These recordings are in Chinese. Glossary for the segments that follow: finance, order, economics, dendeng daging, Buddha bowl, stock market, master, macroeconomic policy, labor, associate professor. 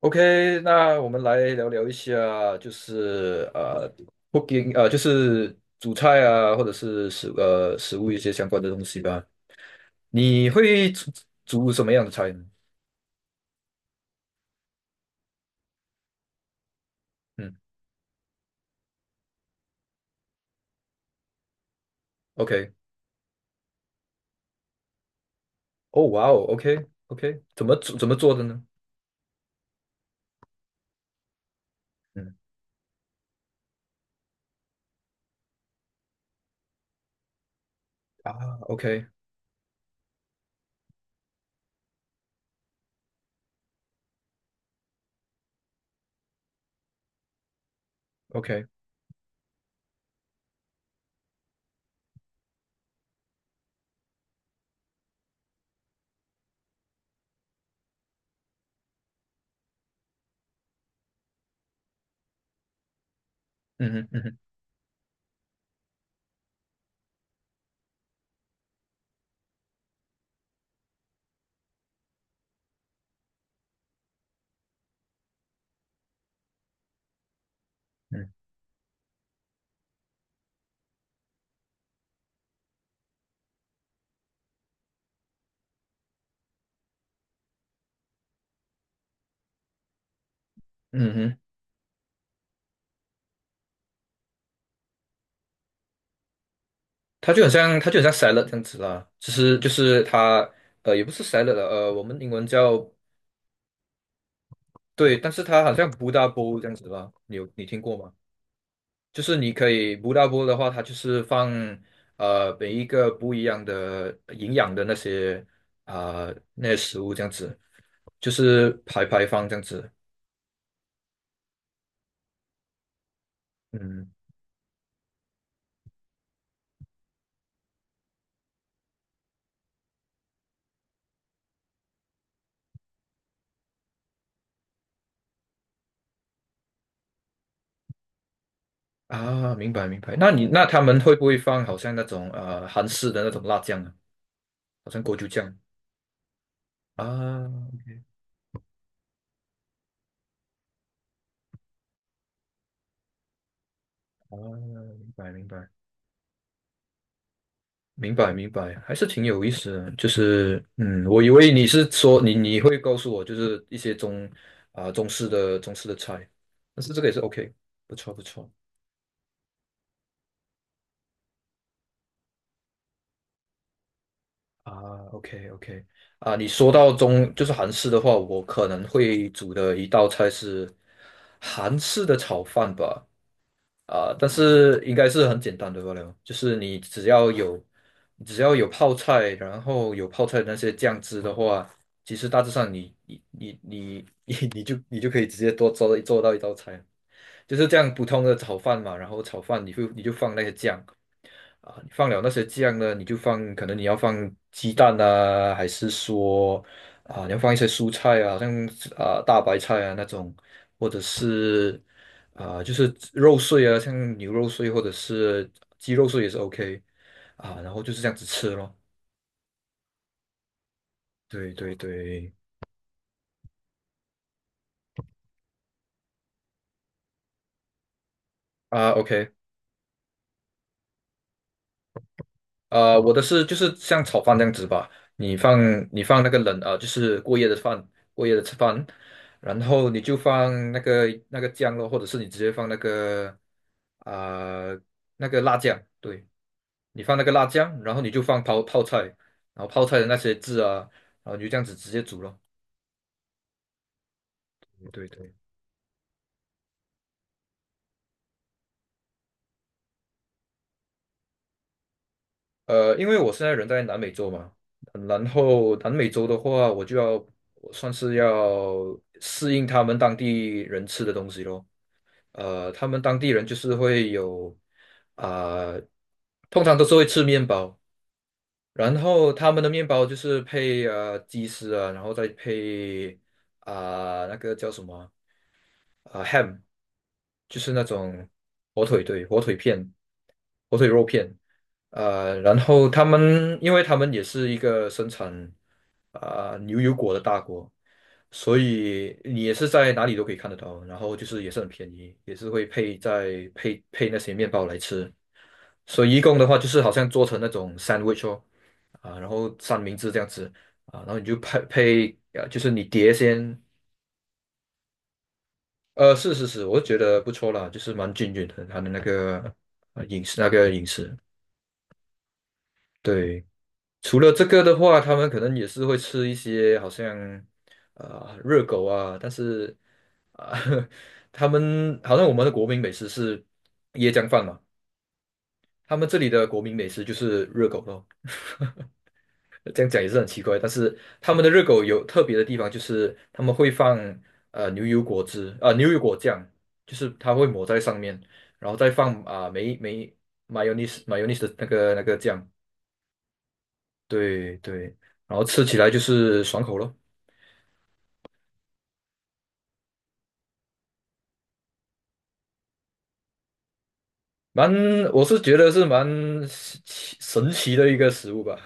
OK，那我们来聊聊一下，就是cooking， 就是煮菜啊，或者是食物一些相关的东西吧。你会煮什么样的菜呢？嗯，OK，哦，哇哦，OK OK，怎么做的呢？嗯啊，OK OK，嗯哼嗯哼嗯嗯哼，它就很像 salad 这样子啦，其实就是也不是 salad 了，我们英文叫对，但是它好像 Buddha b o w 这样子啦，你听过吗？就是你可以不大波的话，它就是放每一个不一样的营养的那些啊、那些食物这样子，就是排排放这样子。嗯啊，明白明白。那他们会不会放好像那种韩式的那种辣酱啊，好像锅就酱啊？啊，明白明白。明白明白，还是挺有意思的。就是嗯，我以为你是说你会告诉我，就是一些中啊、中式的中式的菜，但是这个也是 OK，不错不错啊，OK OK 啊，你说到就是韩式的话，我可能会煮的一道菜是韩式的炒饭吧。啊、但是应该是很简单的罢了，就是你只要有，你只要有泡菜，然后有泡菜的那些酱汁的话，其实大致上你 你就可以直接做到一道菜，就是这样普通的炒饭嘛，然后炒饭你就放那些酱，啊，你放了那些酱呢，你就放，可能你要放鸡蛋啊，还是说啊，你要放一些蔬菜啊，好像啊大白菜啊那种，或者是啊就是肉碎啊，像牛肉碎或者是鸡肉碎也是 OK 啊，然后就是这样子吃咯。对对对，啊 OK。呃，我的是就是像炒饭这样子吧，你放你放那个冷啊，呃就是过夜的饭，过夜的吃饭，然后你就放那个酱咯，或者是你直接放那个啊、呃那个辣酱，对，你放那个辣酱，然后你就放泡泡菜，然后泡菜的那些汁啊，然后你就这样子直接煮咯。对对。呃，因为我现在人在南美洲嘛，然后南美洲的话，我算是要适应他们当地人吃的东西咯。呃，他们当地人就是会有啊、通常都是会吃面包，然后他们的面包就是配鸡丝啊，然后再配啊、那个叫什么啊、ham，就是那种火腿对，火腿片，火腿肉片，呃，然后因为他们也是一个生产。啊、牛油果的大国，所以你也是在哪里都可以看得到，然后就是也是很便宜，也是会配在配配那些面包来吃，所以一共的话就是好像做成那种 sandwich 哦，啊，然后三明治这样子啊，然后你就配，就是你碟先，呃，是是是，我觉得不错啦，就是蛮均匀的，它的那个呃饮食，对。除了这个的话，他们可能也是会吃一些好像啊、热狗啊，但是啊、他们好像我们的国民美食是椰浆饭嘛，他们这里的国民美食就是热狗咯。这样讲也是很奇怪，但是他们的热狗有特别的地方，就是他们会放呃牛油果汁啊、牛油果酱，就是它会抹在上面，然后再放啊、mayonnaise 的那个酱，对对，然后吃起来就是爽口咯。蛮，我是觉得是蛮神奇的一个食物吧。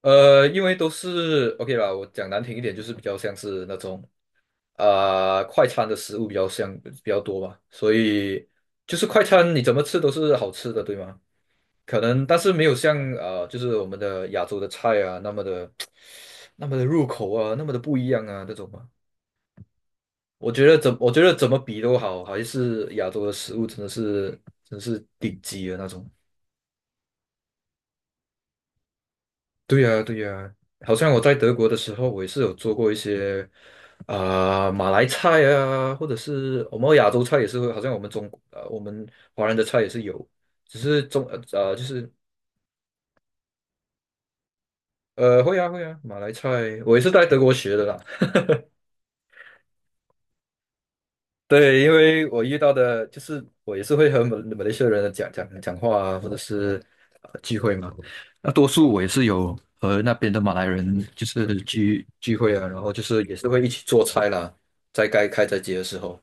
呃，因为都是 OK 啦，我讲难听一点，就是比较像是那种啊、快餐的食物比较多吧，所以就是快餐你怎么吃都是好吃的，对吗？可能但是没有像，就是我们的亚洲的菜啊那么的 那么的入口啊，那么的不一样啊这种嘛。我觉得怎么比都好，还是亚洲的食物真是顶级的那种。对呀，对呀，好像我在德国的时候，我也是有做过一些啊、马来菜啊，或者是我们亚洲菜也是会，好像我们华人的菜也是有，只是就是呃会啊会啊，马来菜我也是在德国学的啦，对，因为我遇到的，就是我也是会和马来西亚人讲话啊，或者是呃聚会嘛。那多数我也是有和那边的马来人就是聚会啊，然后就是也是会一起做菜啦，在该开斋节的时候。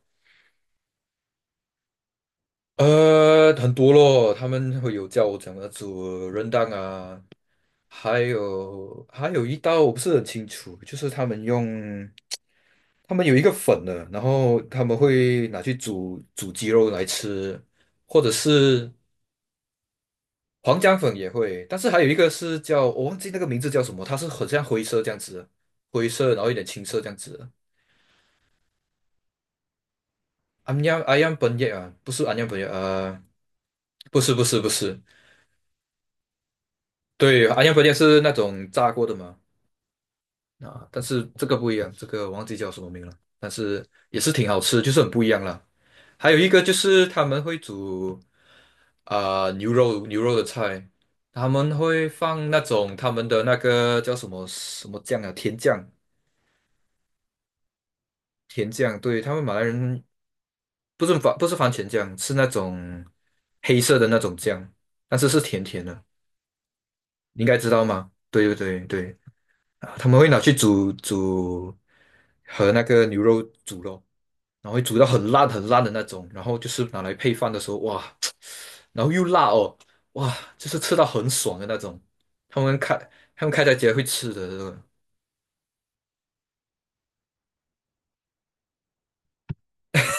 呃，很多咯，他们会有叫我怎么煮 r 蛋啊，还有一道我不是很清楚，就是他们有一个粉的，然后他们会拿去煮鸡肉来吃，或者是黄姜粉也会，但是还有一个是叫我忘记那个名字叫什么，它是很像灰色这样子的灰色然后有点青色这样子的。安阳安阳本叶啊，不是安阳本叶，呃，不是不是不是，对，安阳火箭是那种炸过的嘛，啊，但是这个不一样，这个忘记叫什么名了，但是也是挺好吃，就是很不一样了。还有一个就是他们会煮啊、牛肉的菜，他们会放那种他们的那个叫什么什么酱啊，甜酱，甜酱，对，他们马来人不是番茄酱，是那种黑色的那种酱，但是是甜甜的，你应该知道吗？对对对对。啊他们会拿去煮和那个牛肉煮咯，然后会煮到很烂很烂的那种，然后就是拿来配饭的时候，哇，然后又辣哦，哇，就是吃到很爽的那种。他们开他们开在家会吃的这种，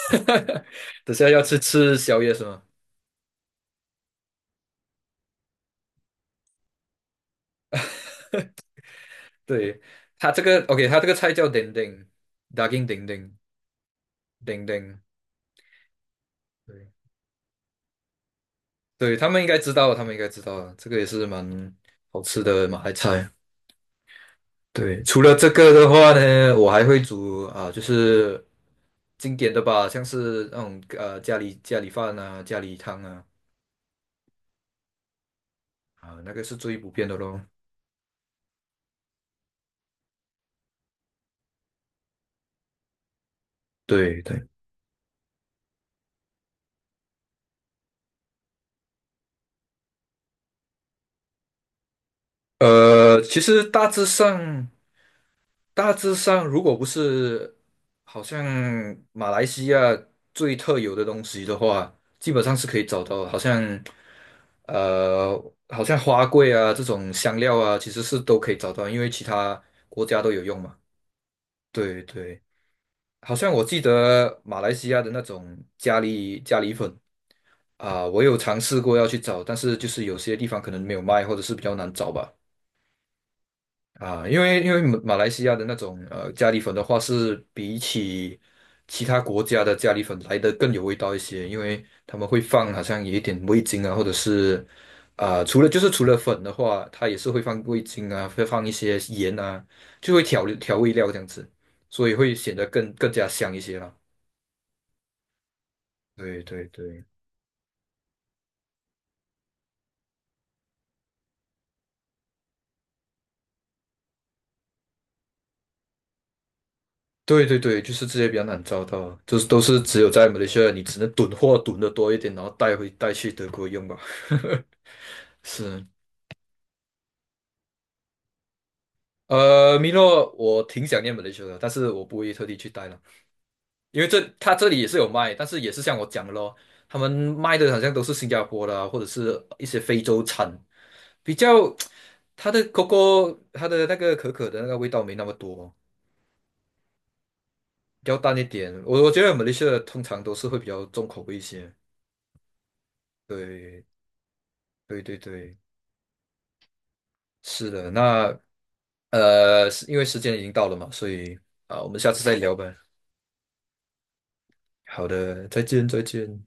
等下要吃宵夜是吗？对，他这个 OK，他这个菜叫 dendeng daging d e n d 对，对他们应该知道，他们应该知道，这个也是蛮好吃的马来菜。对，除了这个的话呢，我还会煮啊、就是经典的吧，像是那种呃家里饭啊、家里汤啊，啊、那个是最普遍的咯。对对，呃，其实大致上大致上，如果不是好像马来西亚最特有的东西的话，基本上是可以找到的，好像呃好像花桂啊这种香料啊，其实是都可以找到，因为其他国家都有用嘛。对对。好像我记得马来西亚的那种咖喱粉啊，我有尝试过要去找，但是就是有些地方可能没有卖，或者是比较难找吧。啊，因为马来西亚的那种呃咖喱粉的话，是比起其他国家的咖喱粉来的更有味道一些，因为他们会放好像有一点味精啊，或者是啊、除了粉的话，它也是会放味精啊，会放一些盐啊，就会调味料这样子，所以会显得更加香一些啦。对对对对对对，就是这些比较难找到，就是都是只有在马来西亚，你只能囤货囤的多一点，然后带去德国用吧。是，呃，米诺，我挺想念马来西亚的，但是我不会特地去带了，因为他这里也是有卖，但是也是像我讲的咯，他们卖的好像都是新加坡的啊或者是一些非洲产，比较它的 coco 它的那个可可的那个味道没那么多，比较淡一点。我觉得马来西亚的通常都是会比较重口味一些，对。对对对，是的，那呃，是因为时间已经到了嘛，所以啊，我们下次再聊吧。好的，再见，再见。